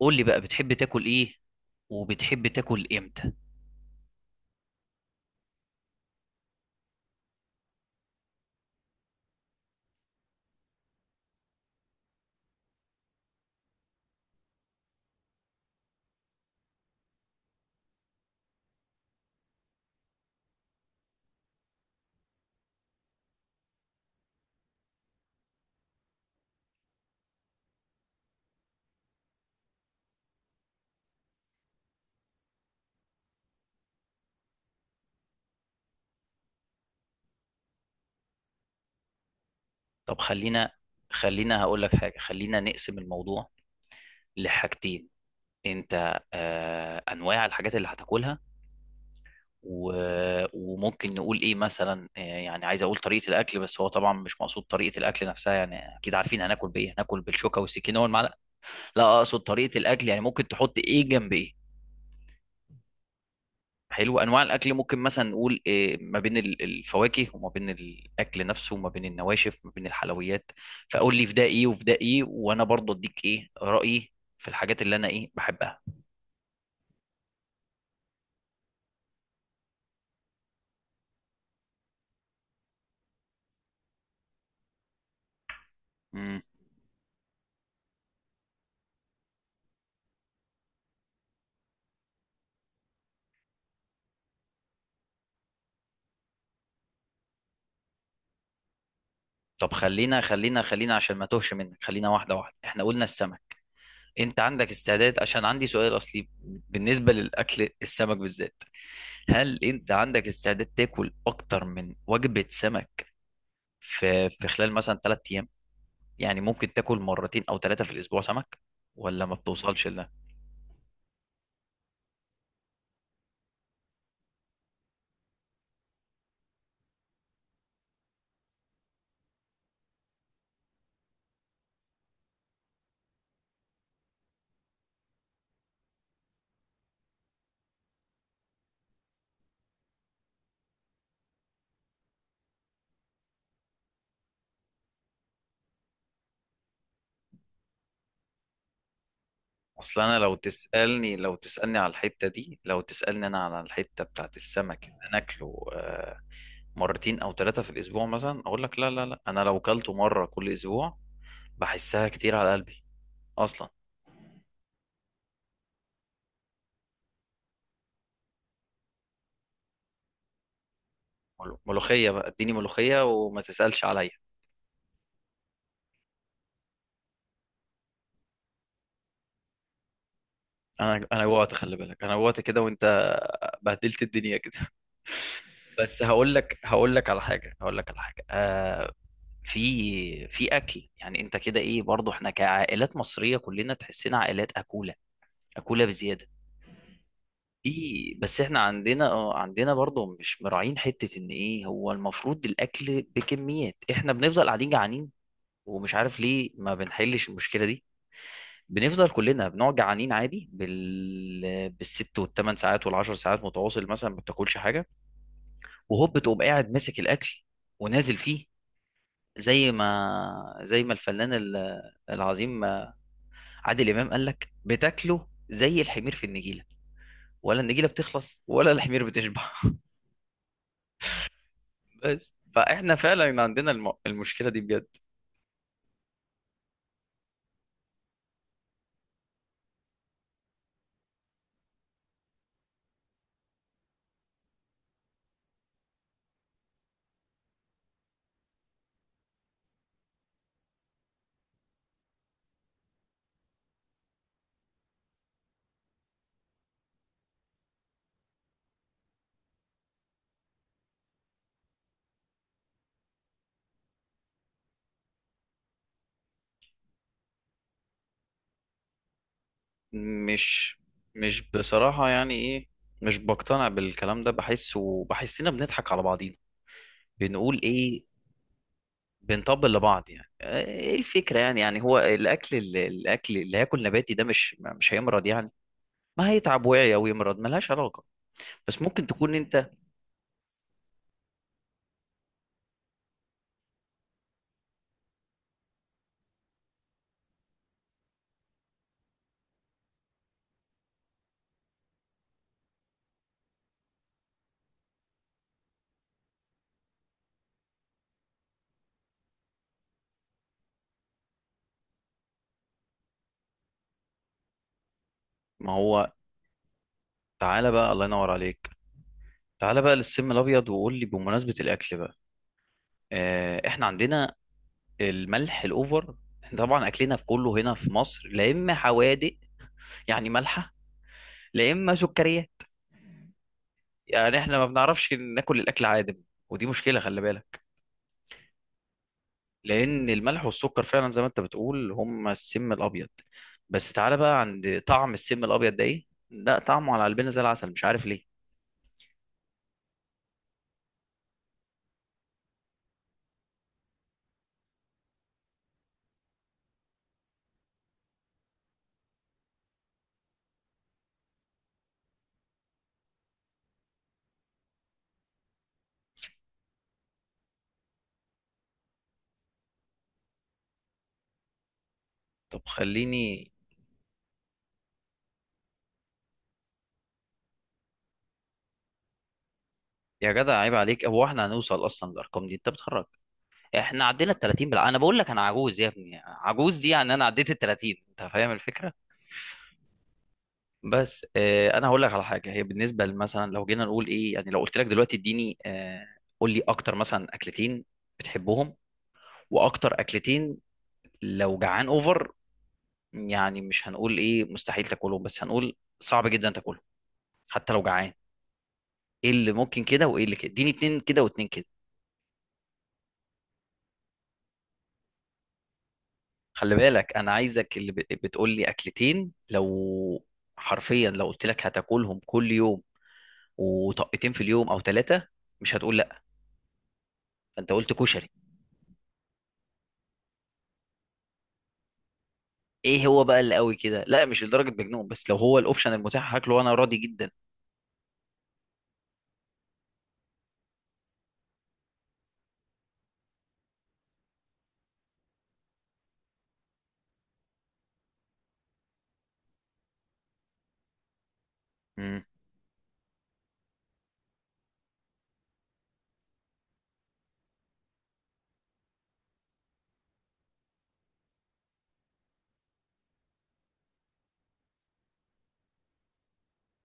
قول لي بقى بتحب تاكل ايه وبتحب تاكل امتى. طب خلينا هقول لك حاجة خلينا نقسم الموضوع لحاجتين. انت انواع الحاجات اللي هتاكلها و... وممكن نقول ايه مثلا يعني عايز اقول طريقة الاكل، بس هو طبعا مش مقصود طريقة الاكل نفسها، يعني اكيد عارفين هناكل بايه، هناكل بالشوكة والسكينة والمعلقة. لا اقصد طريقة الاكل يعني ممكن تحط ايه جنب ايه. حلو، انواع الاكل ممكن مثلا نقول إيه ما بين الفواكه وما بين الاكل نفسه وما بين النواشف وما بين الحلويات. فقول لي في ده ايه وفي ده ايه، وانا برضه اديك رايي في الحاجات اللي انا بحبها. امم. طب خلينا عشان ما توهش منك، خلينا واحده واحده. احنا قلنا السمك، انت عندك استعداد؟ عشان عندي سؤال اصلي. بالنسبه للاكل السمك بالذات، هل انت عندك استعداد تاكل اكتر من وجبه سمك في خلال مثلا 3 ايام؟ يعني ممكن تاكل مرتين او ثلاثة في الاسبوع سمك، ولا ما بتوصلش لده؟ اصل انا لو تسألني على الحتة دي، لو تسألني انا على الحتة بتاعت السمك اللي انا اكله مرتين او ثلاثة في الاسبوع، مثلا اقول لك لا، انا لو كلته مرة كل اسبوع بحسها كتير على قلبي اصلا. ملوخية بقى، اديني ملوخية وما تسألش عليا. انا جوعت، خلي بالك انا جوعت كده، وانت بهدلت الدنيا كده. بس هقول لك على حاجه، في اكل يعني انت كده ايه، برضو احنا كعائلات مصريه كلنا تحسنا عائلات اكوله، اكوله بزياده. بس احنا عندنا عندنا برضو مش مراعين حته ان ايه، هو المفروض الاكل بكميات، احنا بنفضل قاعدين جعانين ومش عارف ليه ما بنحلش المشكله دي. بنفضل كلنا بنقعد جعانين عادي بالست والثمان ساعات والعشر ساعات متواصل، مثلا ما بتاكلش حاجه وهوب تقوم قاعد ماسك الاكل ونازل فيه. زي ما الفنان العظيم عادل امام قال لك، بتاكله زي الحمير في النجيله، ولا النجيله بتخلص ولا الحمير بتشبع. بس فاحنا فعلا عندنا المشكله دي بجد. مش مش بصراحه يعني ايه، مش بقتنع بالكلام ده، بحس وبحسنا بنضحك على بعضينا، بنقول ايه، بنطبل لبعض. يعني ايه الفكره؟ يعني يعني هو الاكل اللي هياكل نباتي ده مش هيمرض يعني؟ ما هيتعب وعي او يمرض ملهاش علاقه، بس ممكن تكون انت. ما هو تعالى بقى، الله ينور عليك. تعالى بقى للسم الابيض، وقول لي بمناسبه الاكل بقى، احنا عندنا الملح الاوفر. احنا طبعا اكلنا في كله هنا في مصر، لا اما حوادق يعني مالحه، لا اما سكريه، يعني احنا ما بنعرفش ناكل الاكل عادم. ودي مشكله خلي بالك، لان الملح والسكر فعلا زي ما انت بتقول هم السم الابيض. بس تعالى بقى عند طعم السم الابيض ده ايه، لا طعمه على قلبنا زي العسل، مش عارف ليه. طب خليني. يا جدع عيب عليك، هو احنا هنوصل اصلا للارقام دي؟ انت بتهرج. احنا عدينا ال 30 انا بقول لك انا عجوز يا ابني، عجوز دي يعني، انا عديت ال 30، انت فاهم الفكره. بس اه انا هقول لك على حاجه، هي بالنسبه مثلا لو جينا نقول ايه، يعني لو قلت لك دلوقتي اديني قول لي اكتر مثلا اكلتين بتحبهم، واكتر اكلتين لو جعان اوفر، يعني مش هنقول ايه مستحيل تاكلهم، بس هنقول صعب جدا تاكلهم حتى لو جعان. ايه اللي ممكن كده وايه اللي كده، اديني اتنين كده واتنين كده. خلي بالك انا عايزك اللي بتقول لي اكلتين لو حرفيا لو قلت لك هتاكلهم كل يوم وطقتين في اليوم او ثلاثه مش هتقول لا. فانت قلت كشري. ايه هو بقى اللي قوي كده؟ لا مش لدرجه مجنون، بس لو هو الاوبشن المتاح هاكله وانا راضي جدا. امم.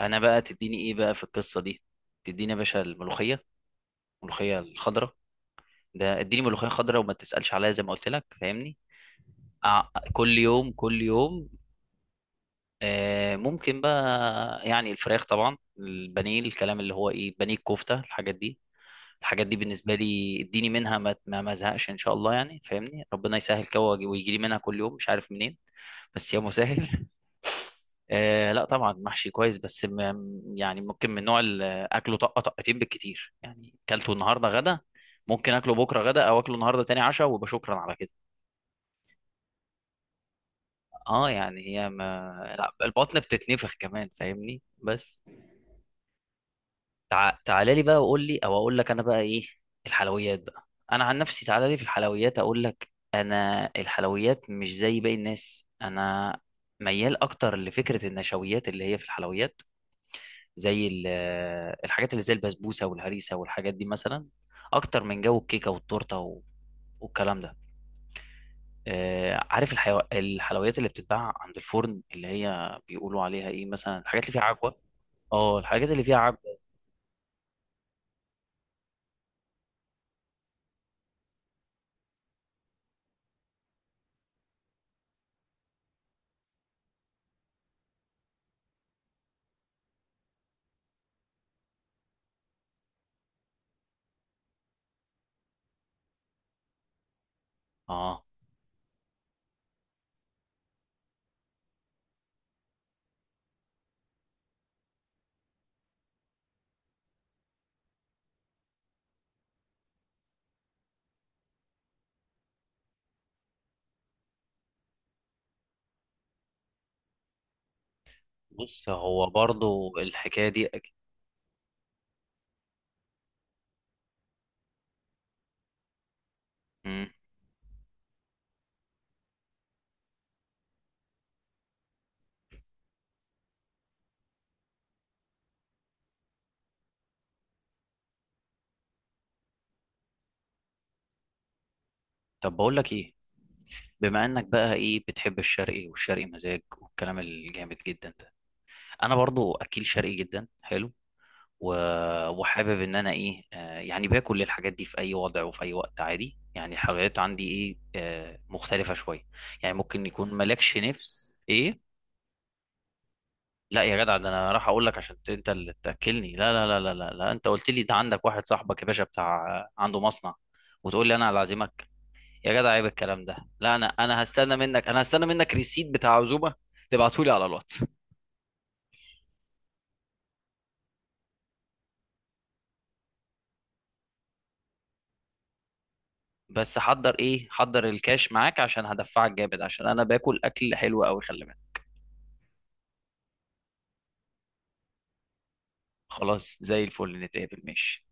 انا بقى تديني ايه بقى في القصه دي؟ تديني يا باشا الملوخيه، الملوخيه الخضراء. ده اديني ملوخيه خضراء وما تسالش عليها، زي ما قلت لك فاهمني. كل يوم، ممكن بقى يعني الفراخ طبعا، البانيه، الكلام اللي هو ايه، بانيه، الكفته، الحاجات دي. الحاجات دي بالنسبه لي اديني منها ما ازهقش ان شاء الله، يعني فاهمني، ربنا يسهل كده ويجي لي منها كل يوم مش عارف منين، بس يا مسهل. لا طبعا محشي كويس، بس يعني ممكن من نوع اكله طقه طقتين بالكتير، يعني اكلته النهارده غدا ممكن اكله بكره غدا، او اكله النهارده تاني عشاء وبشكرا على كده. اه يعني هي ما لا البطن بتتنفخ كمان فاهمني بس. تعالى لي بقى وقول لي، او اقول لك انا بقى ايه، الحلويات بقى. انا عن نفسي تعالى لي في الحلويات اقول لك، انا الحلويات مش زي باقي الناس، انا ميال اكتر لفكره النشويات اللي هي في الحلويات، زي الحاجات اللي زي البسبوسه والهريسه والحاجات دي مثلا، اكتر من جو الكيكه والتورته و... والكلام ده. عارف الحلويات اللي بتتباع عند الفرن اللي هي بيقولوا عليها ايه، مثلا الحاجات اللي فيها عجوه. اه الحاجات اللي فيها عجوه. اه بص هو برضو الحكايه دي مم. طب بقول لك ايه، بما انك بقى ايه بتحب الشرقي، والشرقي مزاج والكلام الجامد جدا ده، انا برضو اكيل شرقي جدا حلو و... وحابب ان انا ايه، يعني باكل الحاجات دي في اي وضع وفي اي وقت عادي، يعني الحلويات عندي ايه مختلفه شويه، يعني ممكن يكون مالكش نفس ايه. لا يا جدع، ده انا راح اقول لك عشان انت اللي تاكلني؟ لا. انت قلت لي ده عندك واحد صاحبك يا باشا بتاع، عنده مصنع، وتقول لي انا اللي اعزمك؟ يا جدع عيب الكلام ده. لا انا هستنى منك، انا هستنى منك ريسيت بتاع عزومه، تبعتهولي على الواتس. بس حضر ايه، حضر الكاش معاك عشان هدفعك جامد، عشان انا باكل اكل حلو قوي خلي بالك. خلاص زي الفل، نتقابل ماشي.